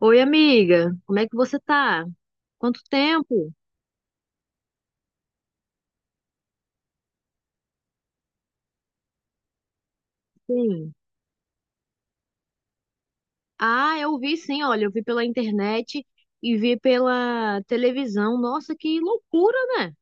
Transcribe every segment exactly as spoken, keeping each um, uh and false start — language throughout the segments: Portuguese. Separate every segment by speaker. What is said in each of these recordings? Speaker 1: Oi, amiga, como é que você tá? Quanto tempo? Sim. Ah, eu vi sim, olha, eu vi pela internet e vi pela televisão. Nossa, que loucura, né?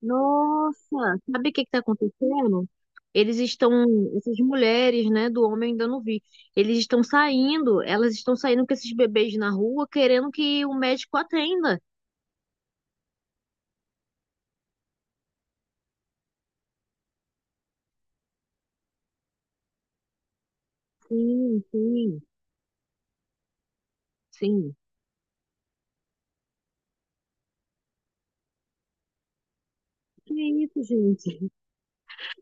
Speaker 1: Nossa, sabe o que que tá acontecendo? Eles estão, essas mulheres, né, do homem ainda não vi. Eles estão saindo, elas estão saindo com esses bebês na rua querendo que o médico atenda. Sim, sim, sim. Que isso, gente?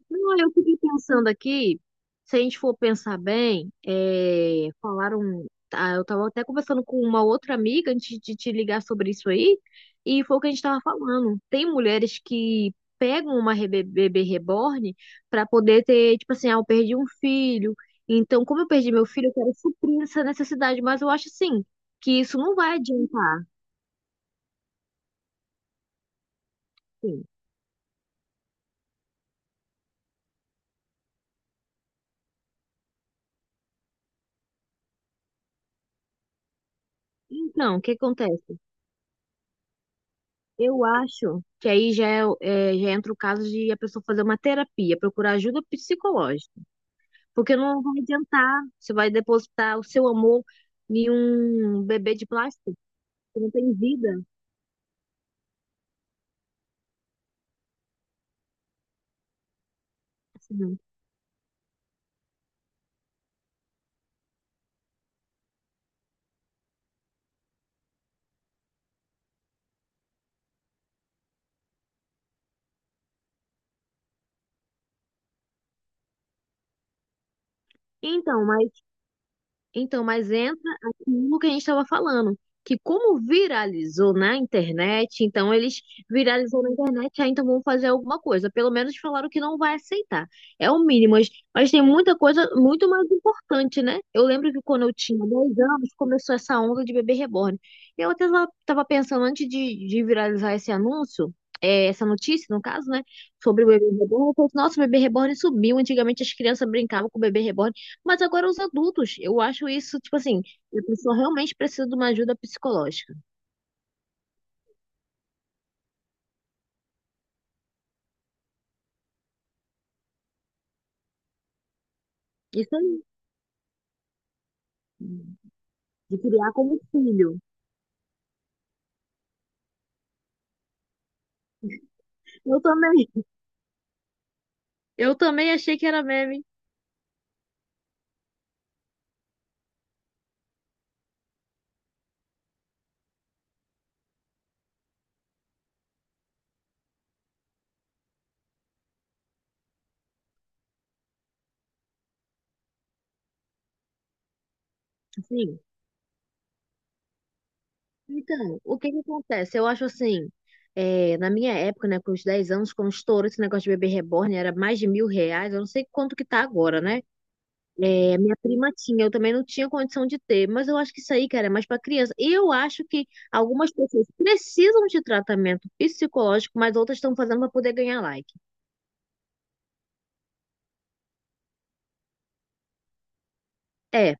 Speaker 1: Não, eu fiquei pensando aqui, se a gente for pensar bem, é, falaram, ah, eu estava até conversando com uma outra amiga antes de te ligar sobre isso aí, e foi o que a gente estava falando. Tem mulheres que pegam uma rebe- bebê reborn para poder ter, tipo assim, ah, eu perdi um filho, então como eu perdi meu filho, eu quero suprir essa necessidade, mas eu acho assim, que isso não vai adiantar, assim. Então, o que acontece? Eu acho que aí já, é, é, já entra o caso de a pessoa fazer uma terapia, procurar ajuda psicológica, porque não vai adiantar, você vai depositar o seu amor em um bebê de plástico que não tem vida. Assim. Então, mas Então, mas entra aquilo que a gente estava falando, que como viralizou na internet, então eles viralizou na internet, ah, então vão fazer alguma coisa. Pelo menos falaram que não vai aceitar. É o mínimo, mas, mas tem muita coisa muito mais importante, né? Eu lembro que quando eu tinha dez anos, começou essa onda de bebê reborn. Eu até estava pensando, antes de, de viralizar esse anúncio, é, essa notícia, no caso, né, sobre o bebê reborn, eu pensei, nossa, o bebê reborn subiu. Antigamente as crianças brincavam com o bebê reborn. Mas agora os adultos, eu acho isso, tipo assim, a pessoa realmente precisa de uma ajuda psicológica. Isso aí, de criar como filho. Eu também, eu também achei que era meme. Sim. Então, o que que acontece? Eu acho assim, é, na minha época, né, com os dez anos, quando estourou esse negócio de bebê reborn, era mais de mil reais, eu não sei quanto que tá agora, né? É, minha prima tinha, eu também não tinha condição de ter, mas eu acho que isso aí, cara, é mais para criança. E eu acho que algumas pessoas precisam de tratamento psicológico, mas outras estão fazendo para poder ganhar like. É,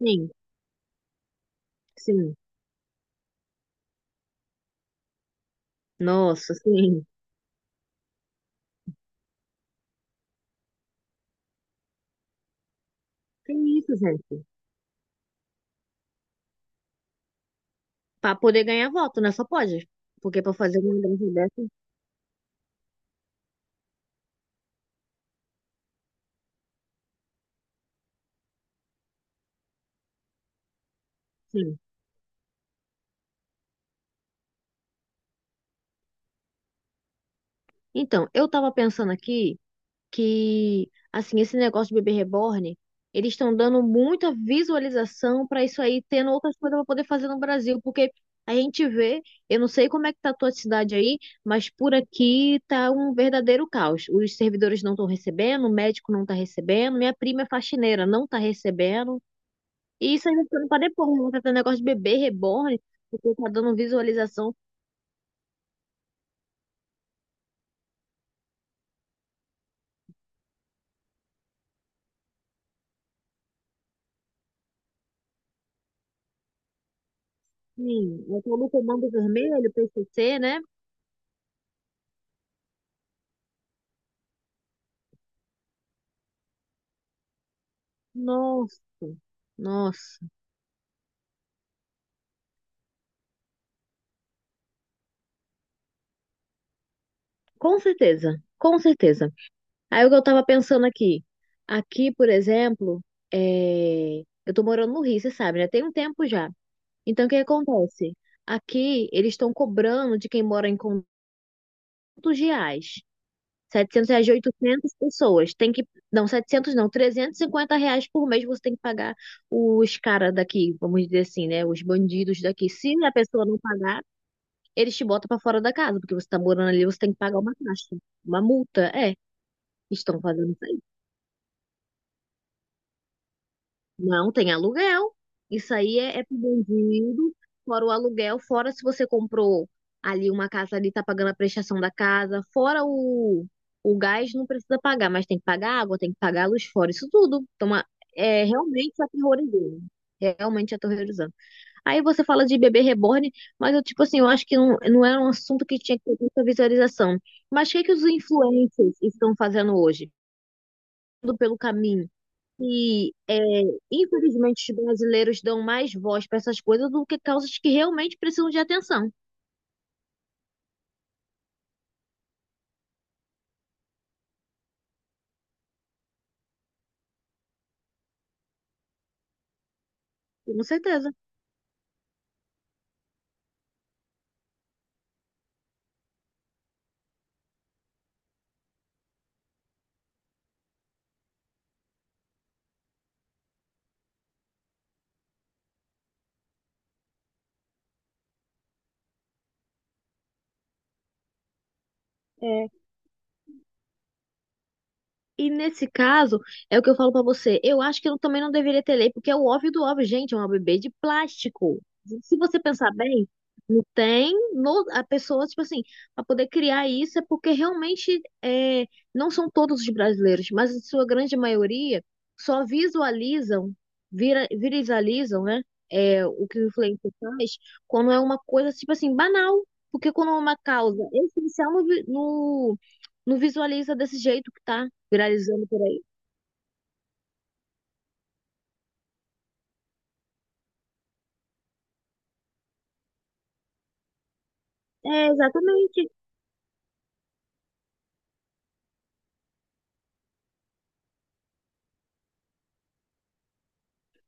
Speaker 1: sim, sim. Nossa, sim. Tem isso, gente. Para poder ganhar voto, né? Só pode. Porque para fazer uma grande dessa, sim. Então, eu tava pensando aqui. Que, assim, esse negócio de bebê reborn, eles estão dando muita visualização para isso aí, tendo outras coisas para poder fazer no Brasil, porque a gente vê, eu não sei como é que tá a tua cidade aí, mas por aqui tá um verdadeiro caos. Os servidores não estão recebendo, o médico não tá recebendo, minha prima é faxineira, não tá recebendo. E isso aí vai ficando para depois, né? Tá tendo negócio de bebê reborn, porque tá dando visualização, sim, eu tô no comando vermelho, P C C, né? Nossa, nossa. Com certeza, com certeza. Aí o que eu tava pensando aqui, aqui, por exemplo, é, eu tô morando no Rio, você sabe, né? Tem um tempo já. Então, o que acontece? Aqui, eles estão cobrando de quem mora em conjuntos reais, setecentos reais de oitocentas pessoas. Tem que, não, setecentos não, trezentos e cinquenta reais por mês você tem que pagar os caras daqui, vamos dizer assim, né? Os bandidos daqui. Se a pessoa não pagar, eles te botam pra fora da casa, porque você tá morando ali, você tem que pagar uma taxa, uma multa, é, estão fazendo isso aí. Não tem aluguel. Isso aí é, é pro bandido, fora o aluguel, fora se você comprou ali uma casa ali, tá pagando a prestação da casa, fora o, o gás, não precisa pagar, mas tem que pagar água, tem que pagar a luz, fora isso tudo. Então, uma- é realmente aterrorizando. Realmente aterrorizando. Aí você fala de bebê reborn, mas eu, tipo assim, eu acho que não, não era um assunto que tinha que ter muita visualização. Mas o que que os influencers estão fazendo hoje? Indo pelo caminho e é, infelizmente, os brasileiros dão mais voz para essas coisas do que causas que realmente precisam de atenção. Com certeza. é E nesse caso, é o que eu falo pra você. Eu acho que eu também não deveria ter lei, porque é o óbvio do óbvio, gente, é uma bebê de plástico. Se você pensar bem, não tem no, a pessoa, tipo assim, para poder criar isso é porque realmente é, não são todos os brasileiros, mas a sua grande maioria só visualizam, vira, viralizam, né? É, o que o influencer faz quando é uma coisa, tipo assim, banal. Porque quando é uma causa essencial no, vi- no, não visualiza desse jeito que tá viralizando por aí. É, exatamente.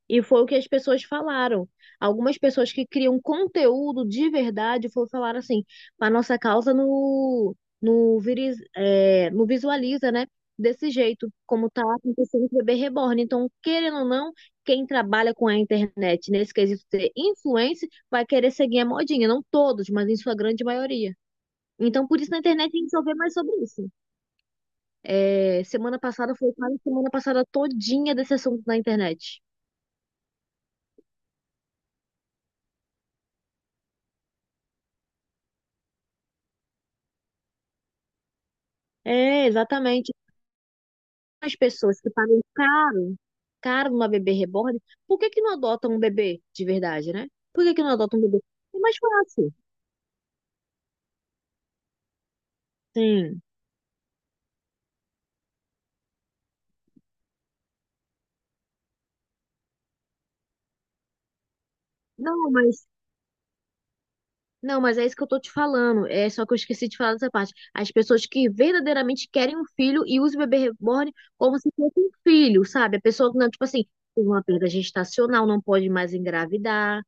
Speaker 1: E foi o que as pessoas falaram. Algumas pessoas que criam conteúdo de verdade foram falar assim, a nossa causa no, no, viriz, é, no visualiza, né? Desse jeito, como tá acontecendo com o bebê reborn. Então, querendo ou não, quem trabalha com a internet nesse quesito ser influencer vai querer seguir a modinha. Não todos, mas em sua grande maioria. Então, por isso na internet tem que saber mais sobre isso. É, semana passada foi quase semana passada todinha desse assunto na internet. É, exatamente. As pessoas que pagam caro, caro numa bebê reborn, por que que não adotam um bebê de verdade, né? Por que que não adotam um bebê? É mais fácil. Sim. Não, mas não, mas é isso que eu tô te falando. É só que eu esqueci de falar dessa parte. As pessoas que verdadeiramente querem um filho e usam o bebê reborn como se fosse um filho, sabe? A pessoa que não, tipo assim, teve uma perda gestacional, não pode mais engravidar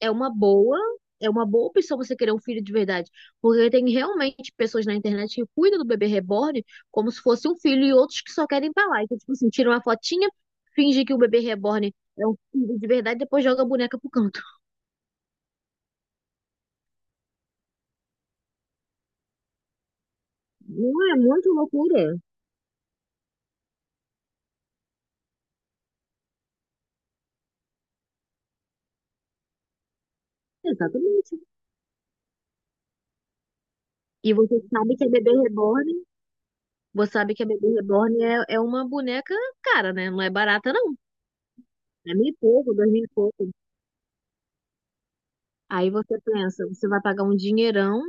Speaker 1: é uma boa, é uma boa opção você querer um filho de verdade, porque tem realmente pessoas na internet que cuidam do bebê reborn como se fosse um filho e outros que só querem pra lá. Então, tipo assim, tira uma fotinha, finge que o bebê reborn é um filho de verdade, depois joga a boneca pro canto. Não é muito loucura. Exatamente. E você sabe que a bebê reborn, você sabe que a bebê reborn é, é uma boneca cara, né? Não é barata não. É mil e pouco, dois mil e pouco. Aí você pensa, você vai pagar um dinheirão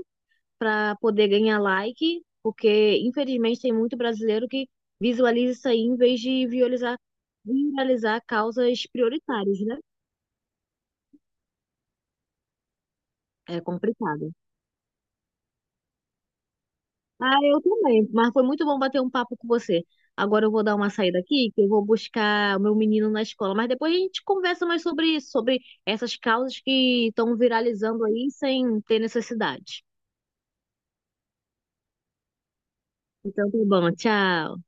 Speaker 1: para poder ganhar like, porque infelizmente tem muito brasileiro que visualiza isso aí em vez de visualizar, viralizar causas prioritárias, né? É complicado. Ah, eu também, mas foi muito bom bater um papo com você. Agora eu vou dar uma saída aqui, que eu vou buscar o meu menino na escola, mas depois a gente conversa mais sobre isso, sobre essas causas que estão viralizando aí sem ter necessidade. Então tá bom, tchau.